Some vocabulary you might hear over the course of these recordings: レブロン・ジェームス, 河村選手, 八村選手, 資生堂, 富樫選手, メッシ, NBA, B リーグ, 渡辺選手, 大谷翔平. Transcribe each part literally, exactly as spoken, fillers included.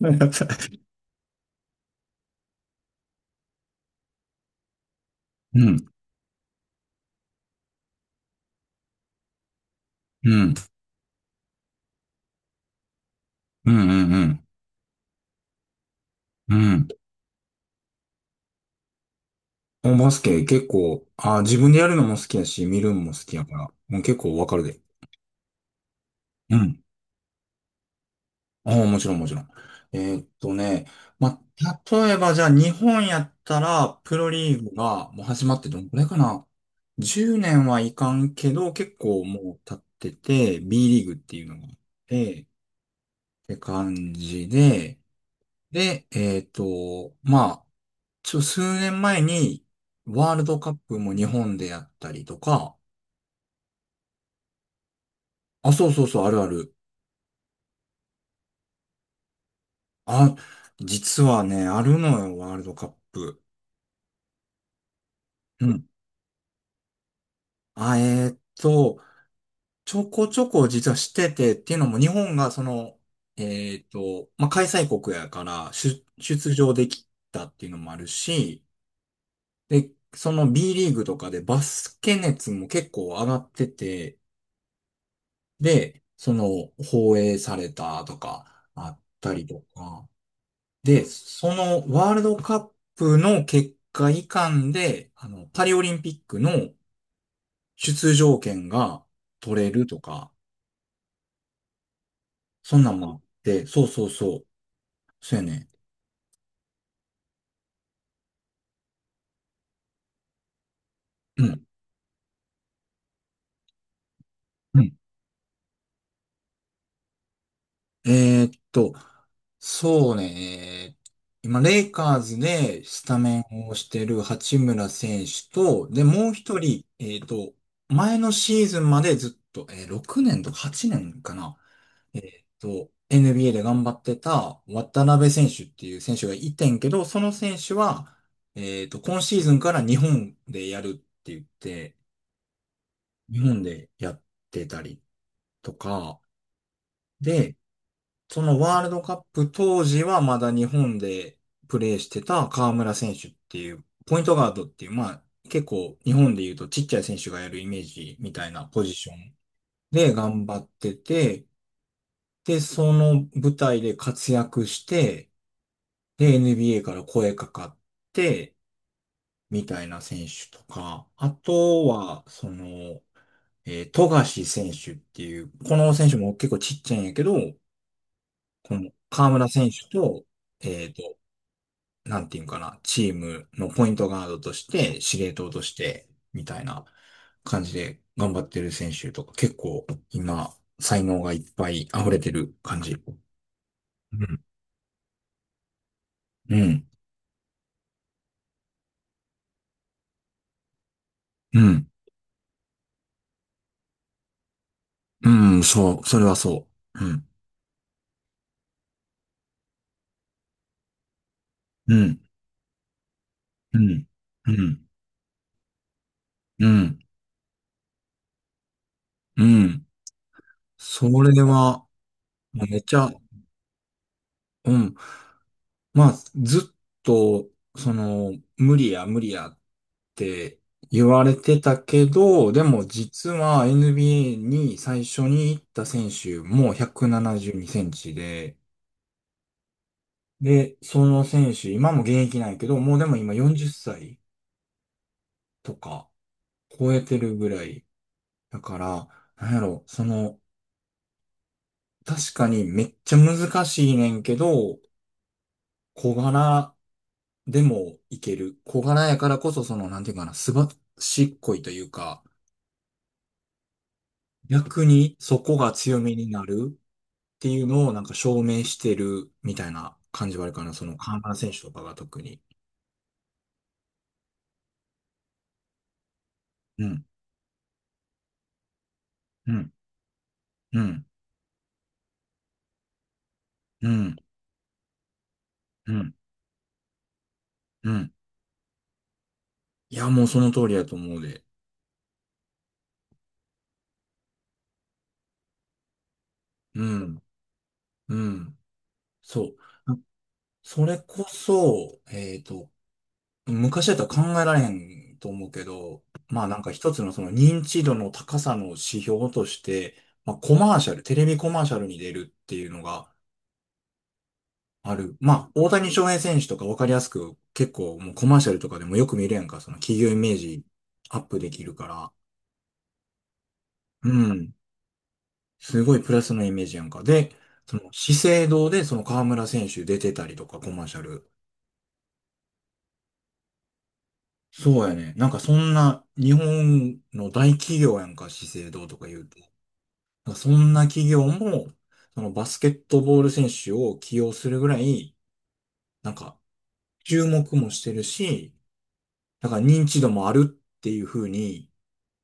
うん、うん、うん、うん、うん。うん、バスケ結構、あ、自分でやるのも好きやし、見るのも好きやから、もう結構わかるで。うん。ああもちろんもちろん。えーっとね、まあ、例えばじゃあ日本やったら、プロリーグがもう始まってどんくらいかな？ じゅう 年はいかんけど、結構もう経ってて、B リーグっていうのがあって、って感じで。で、えーっと、まあ、ちょ、数年前に、ワールドカップも日本でやったりとか。あ、そうそうそう、あるある。あ、実はね、あるのよ、ワールドカップ。うん。あ、えーっと、ちょこちょこ実はしてて、っていうのも日本がその、えーっと、まあ、開催国やから、出出場できたっていうのもあるし、で、その B リーグとかでバスケ熱も結構上がってて、で、その、放映されたとか、あったりとか。で、そのワールドカップの結果以下で、あの、パリオリンピックの出場権が取れるとか、そんなんもあって、そうそうそう。そうやね。うん。うん、えーっと、そうね、今、レイカーズでスタメンをしてる八村選手と、で、もう一人、えーっと、前のシーズンまでずっと、えーろくねんとかはちねんかな、えーっと、エヌビーエー で頑張ってた渡辺選手っていう選手がいてんけど、その選手は、えーっと、今シーズンから日本でやるって言って、日本でやってたりとか。でそのワールドカップ当時はまだ日本でプレーしてた河村選手っていう、ポイントガードっていう、まあ結構日本で言うとちっちゃい選手がやるイメージみたいなポジションで頑張ってて、で、その舞台で活躍して、で、エヌビーエー から声かかって、みたいな選手とか、あとは、その、えー、富樫選手っていう、この選手も結構ちっちゃいんやけど、この河村選手と、えっと、なんていうんかな、チームのポイントガードとして、司令塔として、みたいな感じで頑張ってる選手とか、結構今、才能がいっぱい溢れてる感じ。うん。うん。うん。うん。そう。それはそう。うん。うん。うん。うん。うん。うん。それは、もうめっちゃ、うん。まあ、ずっと、その、無理や無理やって言われてたけど、でも実は エヌビーエー に最初に行った選手もひゃくななじゅうにセンチで、で、その選手、今も現役なんやけど、もうでも今よんじゅっさいとか超えてるぐらい。だから、なんやろ、その、確かにめっちゃ難しいねんけど、小柄でもいける。小柄やからこそ、その、なんていうかな、すばしっこいというか、逆にそこが強みになるっていうのをなんか証明してるみたいな感じはあるかな。その河村選手とかが特に。うん、うん、うん、うん、うん、うん。いや、もうその通りだと思うで。うん、うん。そう。あ、それこそ、えっと、昔だったら考えられんと思うけど、まあなんか一つのその認知度の高さの指標として、まあコマーシャル、テレビコマーシャルに出るっていうのが、ある。まあ、大谷翔平選手とかわかりやすく、結構もうコマーシャルとかでもよく見るやんか、その企業イメージアップできるから。うん。すごいプラスのイメージやんか。で、その資生堂でその河村選手出てたりとかコマーシャル。そうやね。なんかそんな日本の大企業やんか、資生堂とか言うと。なんかそんな企業も、そのバスケットボール選手を起用するぐらい、なんか注目もしてるし、だから認知度もあるっていう風に、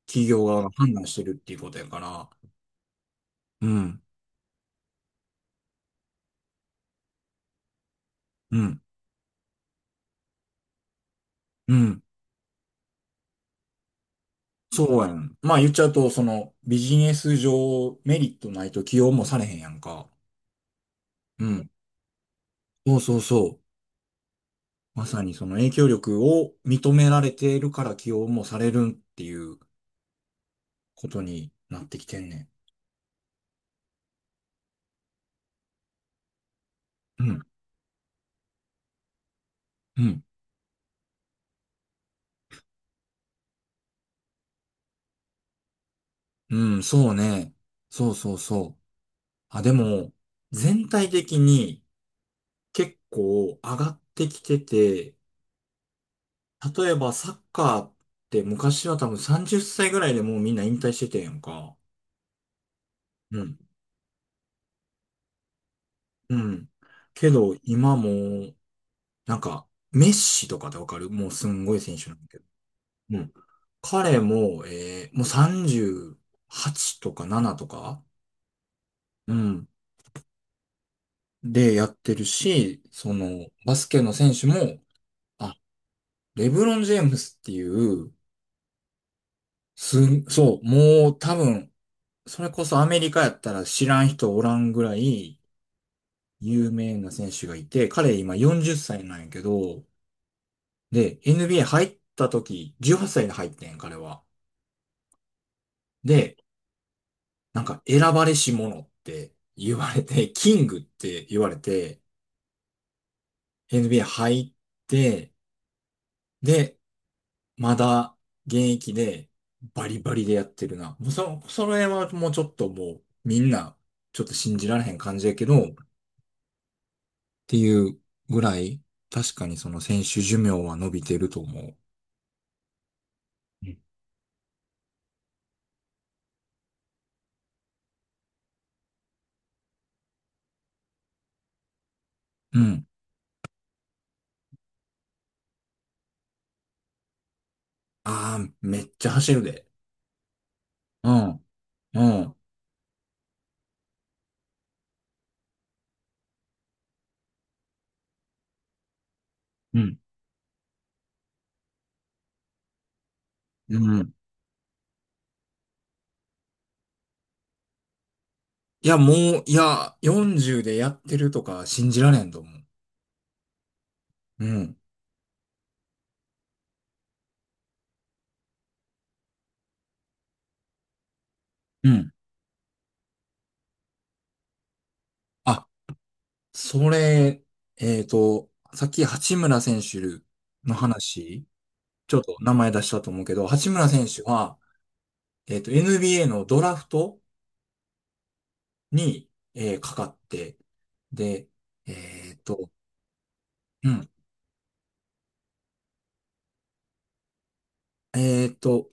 企業側が判断してるっていうことやから、うん、うん、うん。そうやん。まあ言っちゃうと、そのビジネス上メリットないと起用もされへんやんか。うん。そうそうそう。まさにその影響力を認められているから起用もされるっていうことになってきてんねん。うん、うん、うん、そうね。そうそうそう。あ、でも、全体的に結構上がってきてて、例えばサッカーって昔は多分さんじゅっさいぐらいでもうみんな引退しててんやんか。うん。うん。けど今も、なんか、メッシとかってわかるもうすんごい選手なんだけど。うん。彼も、えー、もうさんじゅうはちとかななとか、うん。でやってるし、その、バスケの選手も、あ、レブロン・ジェームスっていう、すん、そう、もう多分、それこそアメリカやったら知らん人おらんぐらい、有名な選手がいて、彼今よんじゅっさいなんやけど、で、エヌビーエー 入った時、じゅうはっさいで入ってん、彼は。で、なんか選ばれし者って言われて、キングって言われて、エヌビーエー 入って、で、まだ現役でバリバリでやってるな。もうそ、それはもうちょっともうみんなちょっと信じられへん感じやけど、っていうぐらい、確かにその選手寿命は伸びてると思う。うん。ああ、めっちゃ走るで。うん、うん、うん。うん、いや、もう、いや、よんじゅうでやってるとか信じられんと思う。うん。うん。あ、それ、えっと、さっき八村選手の話、ちょっと名前出したと思うけど、八村選手は、えっと、エヌビーエー のドラフトに、えーかかって、で、えっと、うん。えっと、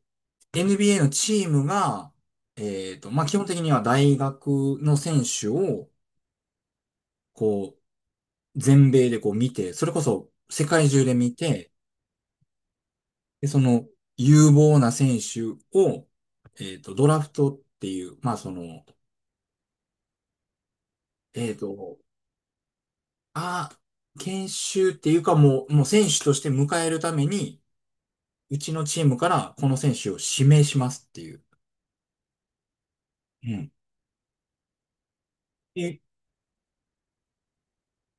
エヌビーエー のチームが、えっと、まあ、基本的には大学の選手を、こう、全米でこう見て、それこそ世界中で見て、で、その有望な選手を、えっと、ドラフトっていう、まあ、その、えっと、あ、研修っていうかもう、もう選手として迎えるために、うちのチームからこの選手を指名しますっていう。うん。え、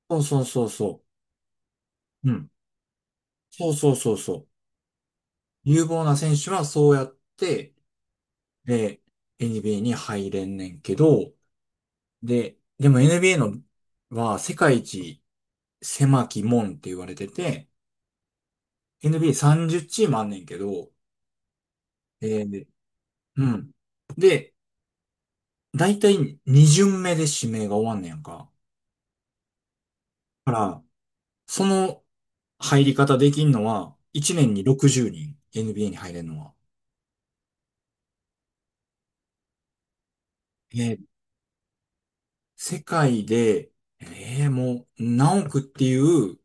そうそうそうそう。うん。そうそうそうそう。有望な選手はそうやって、で、エヌビーエー に入れんねんけど、で、でも エヌビーエー のは世界一狭き門って言われてて、エヌビーエーさんじゅう チームあんねんけど、えーうん。で、だいたいに巡目で指名が終わんねやんか。だから、その入り方できんのは、いちねんにろくじゅうにん、エヌビーエー に入れるのは。えー世界で、えーもう何億っていう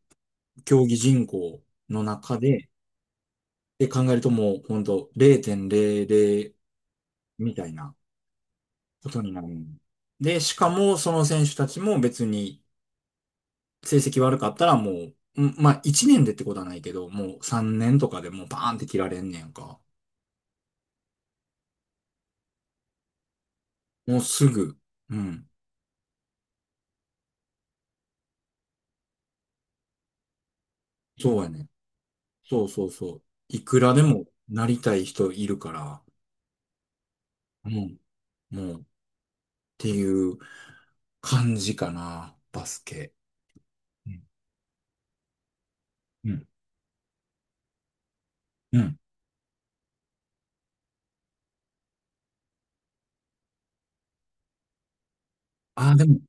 競技人口の中で、で考えるともう本当れいてんれいれいみたいなことになる。で、しかもその選手たちも別に成績悪かったらもう、うん、まあいちねんでってことはないけど、もうさんねんとかでもうバーンって切られんねんか。もうすぐ。うん。そうやね。そうそうそう。いくらでもなりたい人いるから、うん、もうっていう感じかな、バスケ。うん。うん。うん、ああ、でも、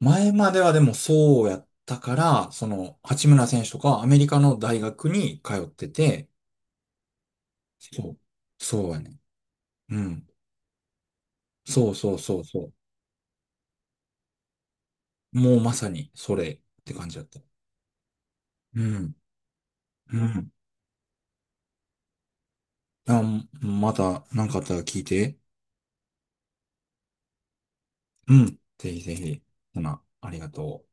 前まではでもそうやったから、その、八村選手とかアメリカの大学に通ってて、そう、そうやね。うん。そうそうそうそう。もうまさにそれって感じだった。うん。うん。あ、また何かあったら聞いて。うん。ぜひぜひ。ほな、ありがとう。